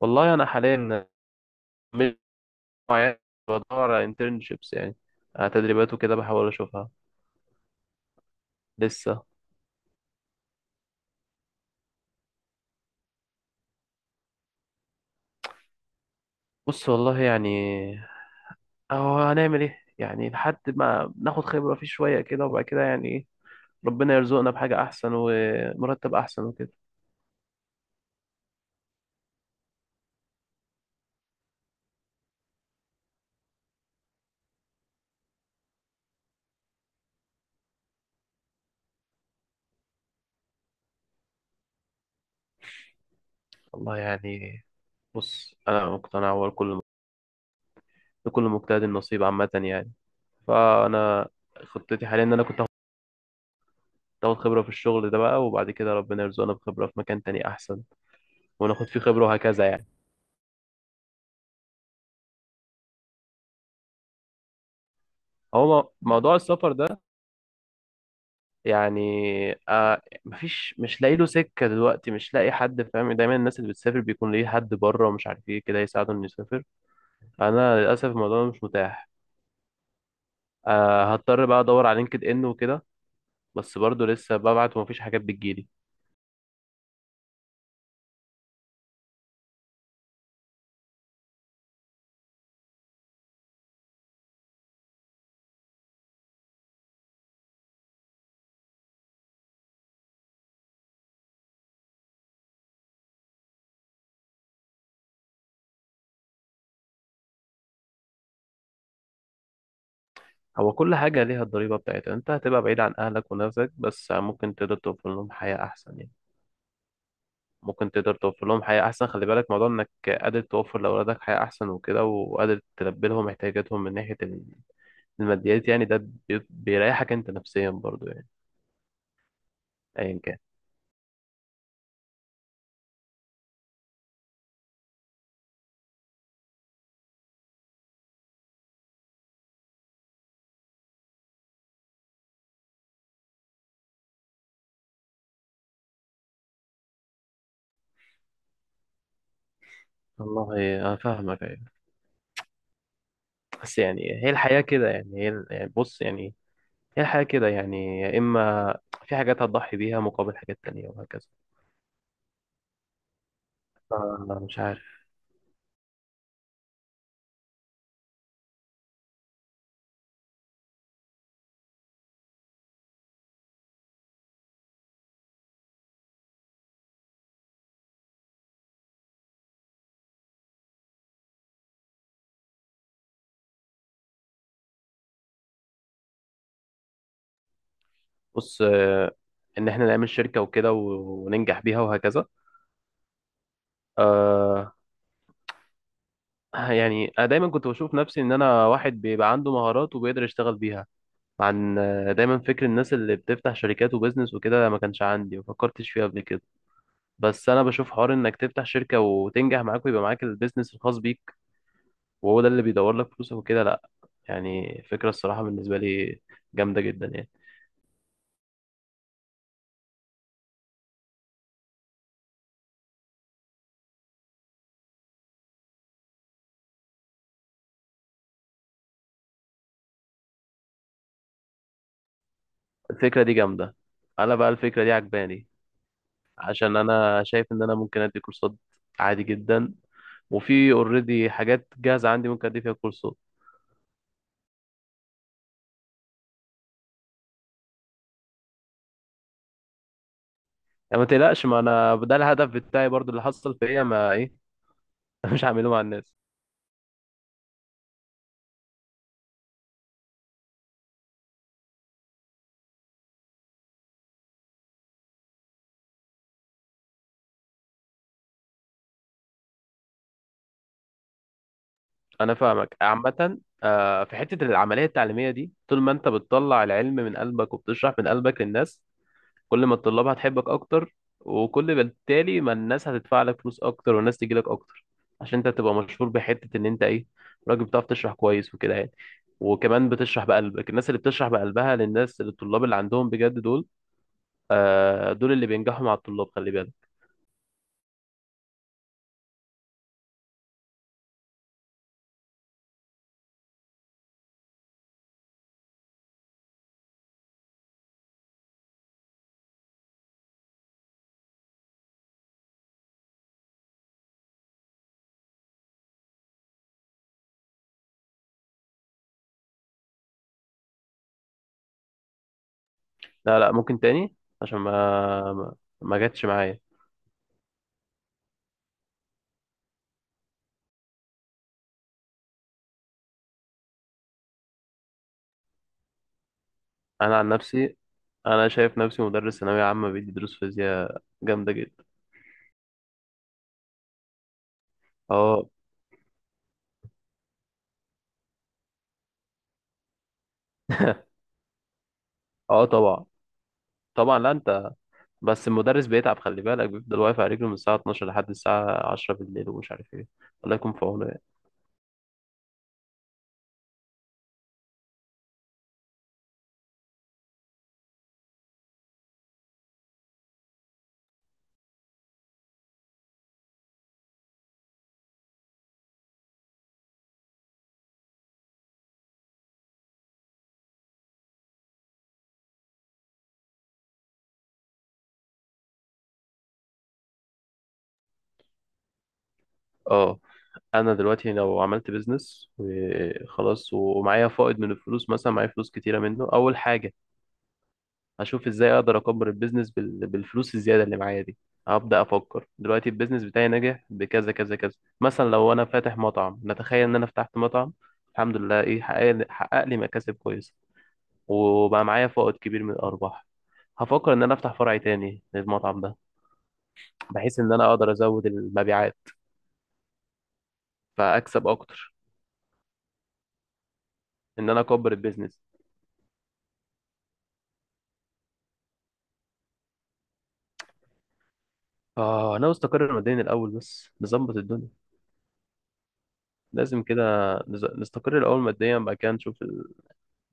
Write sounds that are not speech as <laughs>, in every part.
والله انا حاليا مش معايا- بدور على internships، يعني على تدريبات وكده. بحاول اشوفها لسه. بص والله يعني اهو هنعمل ايه يعني لحد ما ناخد خبرة فيه شوية كده، وبعد كده يعني ايه، ربنا يرزقنا بحاجة احسن ومرتب احسن وكده. والله يعني بص، انا مقتنع هو كل لكل مجتهد النصيب عامة يعني. فانا خطتي حاليا ان انا كنت اخد خبرة في الشغل ده بقى، وبعد كده ربنا يرزقنا بخبرة في مكان تاني احسن وناخد فيه خبرة وهكذا يعني. هو موضوع السفر ده يعني آه، مفيش، مش لاقي له سكة دلوقتي، مش لاقي حد فاهم. دايما الناس اللي بتسافر بيكون ليه حد بره ومش عارف ايه كده يساعده انه يسافر. انا للأسف الموضوع ده مش متاح. آه هضطر بقى ادور على لينكد ان وكده، بس برضه لسه ببعت ومفيش حاجات بتجيلي. هو كل حاجة ليها الضريبة بتاعتها، انت هتبقى بعيد عن اهلك ونفسك، بس ممكن تقدر توفر لهم حياة احسن يعني. ممكن تقدر توفر لهم حياة أحسن. خلي بالك موضوع إنك قادر توفر لأولادك حياة أحسن وكده، وقادر تلبي لهم احتياجاتهم من ناحية الماديات يعني. ده بيريحك انت نفسيا برضو يعني. ايا كان. والله انا فاهمك ايوه، بس يعني هي الحياة كده يعني، يعني بص يعني هي الحياة كده يعني. يا اما في حاجات هتضحي بيها مقابل حاجات تانية وهكذا. فأنا مش عارف. بص آه، ان احنا نعمل شركة وكده وننجح بيها وهكذا. آه يعني انا دايما كنت بشوف نفسي ان انا واحد بيبقى عنده مهارات وبيقدر يشتغل بيها عن آه، دايما فكر الناس اللي بتفتح شركات وبزنس وكده ما كانش عندي، ما فكرتش فيه قبل كده. بس انا بشوف حوار انك تفتح شركه وتنجح معاك ويبقى معاك البيزنس الخاص بيك، وهو ده اللي بيدور لك فلوسك وكده، لا يعني فكره الصراحه بالنسبه لي جامده جدا يعني. الفكره دي جامده، انا بقى الفكره دي عجباني. عشان انا شايف ان انا ممكن ادي كورسات عادي جدا، وفي اوريدي حاجات جاهزه عندي ممكن ادي فيها كورسات. يعني ما تقلقش، ما انا ده الهدف بتاعي برضو اللي حصل فيا ما ايه. <laughs> مش هعمله مع الناس. انا فاهمك عامه آه، في حته العمليه التعليميه دي طول ما انت بتطلع العلم من قلبك وبتشرح من قلبك للناس، كل ما الطلاب هتحبك اكتر، وكل بالتالي ما الناس هتدفع لك فلوس اكتر والناس تجي لك اكتر. عشان انت تبقى مشهور بحته ان انت ايه، راجل بتعرف تشرح كويس وكده يعني. وكمان بتشرح بقلبك. الناس اللي بتشرح بقلبها للناس للطلاب اللي عندهم بجد دول آه، دول اللي بينجحوا مع الطلاب، خلي بالك. لا لا ممكن تاني، عشان ما ما جاتش معايا. انا عن نفسي، انا شايف نفسي مدرس ثانويه عامه بيدي دروس فيزياء جامده جدا. اه. اه طبعا. طبعا. لا انت بس المدرس بيتعب خلي بالك، بيفضل واقف على رجله من الساعه 12 لحد الساعه 10 بالليل، ومش عارف ايه. الله يكون في عونه يعني. اه انا دلوقتي لو عملت بيزنس وخلاص ومعايا فائض من الفلوس، مثلا معايا فلوس كتيره منه، اول حاجه اشوف ازاي اقدر اكبر البيزنس بالفلوس الزياده اللي معايا دي. هبدا افكر دلوقتي البيزنس بتاعي ناجح بكذا كذا كذا. مثلا لو انا فاتح مطعم، نتخيل ان انا فتحت مطعم، الحمد لله ايه، حقق لي مكاسب كويسه وبقى معايا فائض كبير من الارباح، هفكر ان انا افتح فرع تاني للمطعم ده، بحيث ان انا اقدر ازود المبيعات فاكسب اكتر. ان انا اكبر البيزنس. اه انا استقر ماديا الاول، بس نظبط الدنيا. لازم كده، نستقر الاول ماديا، بعد كده نشوف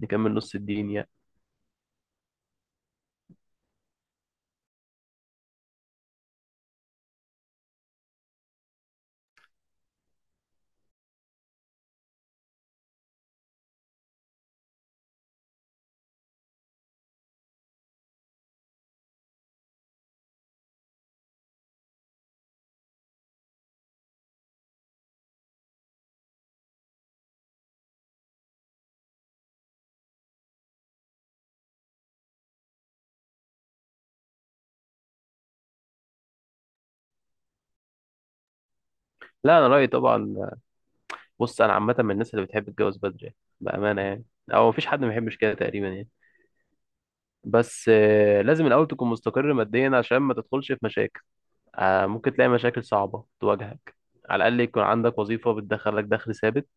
نكمل نص الدين يعني. لا انا رايي طبعا. بص انا عامه من الناس اللي بتحب تتجوز بدري بامانه يعني، او مفيش حد ما بيحبش كده تقريبا يعني. بس آه، لازم الاول تكون مستقر ماديا عشان ما تدخلش في مشاكل. آه، ممكن تلاقي مشاكل صعبه تواجهك. على الاقل يكون عندك وظيفه بتدخلك دخل ثابت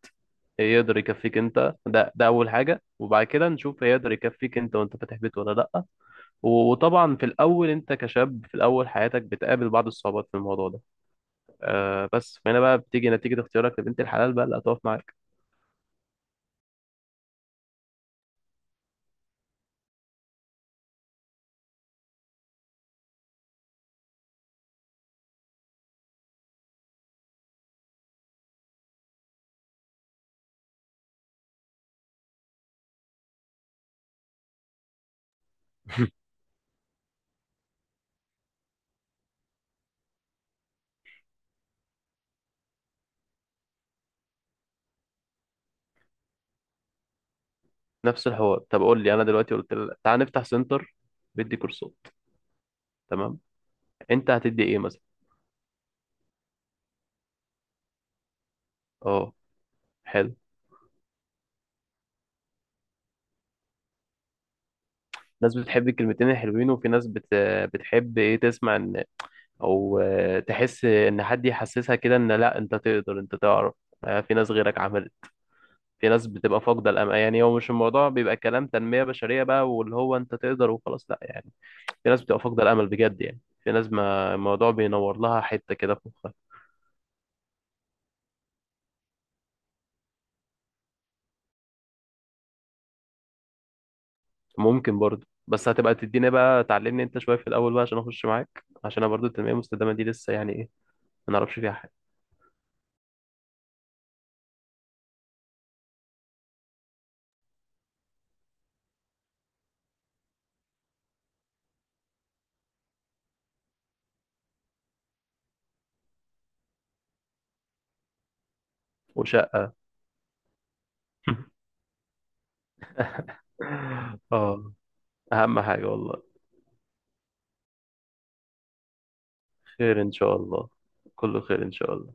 يقدر يكفيك انت، ده ده اول حاجه. وبعد كده نشوف هيقدر يكفيك انت وانت فاتح بيت ولا لا. وطبعا في الاول انت كشاب في الاول حياتك بتقابل بعض الصعوبات في الموضوع ده، آه، بس هنا بقى بتيجي نتيجه اختيارك لبنت الحلال بقى اللي هتقف معاك. نفس الحوار، طب قول لي انا دلوقتي قلت لك تعال نفتح سنتر، بدي كورسات، تمام، انت هتدي ايه مثلا. اه حلو. ناس بتحب الكلمتين الحلوين، وفي بتحب ايه تسمع ان، او آه، تحس ان حد يحسسها كده ان لا انت تقدر، انت تعرف، آه، في ناس غيرك عملت. في ناس بتبقى فاقده الامل يعني. هو مش الموضوع بيبقى كلام تنميه بشريه بقى واللي هو انت تقدر وخلاص، لا يعني. في ناس بتبقى فاقده الامل بجد يعني. في ناس ما الموضوع بينور لها حته كده في مخها. ممكن برضه، بس هتبقى تديني بقى تعلمني انت شويه في الاول بقى عشان اخش معاك، عشان انا برضه التنميه المستدامه دي لسه يعني ايه، ما نعرفش فيها حاجه. وشقه. <laughs> اه. اهم حاجه والله. خير ان شاء الله. كله خير ان شاء الله.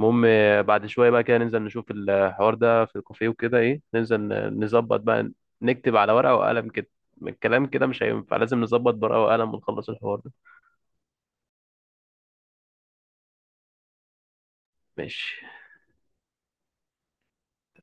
المهم آه، بعد شويه بقى كده ننزل نشوف الحوار ده في الكافيه وكده ايه، ننزل نظبط بقى، نكتب على ورقه وقلم كده. الكلام كده مش هينفع، لازم نظبط ورقه وقلم ونخلص الحوار ده. ماشي.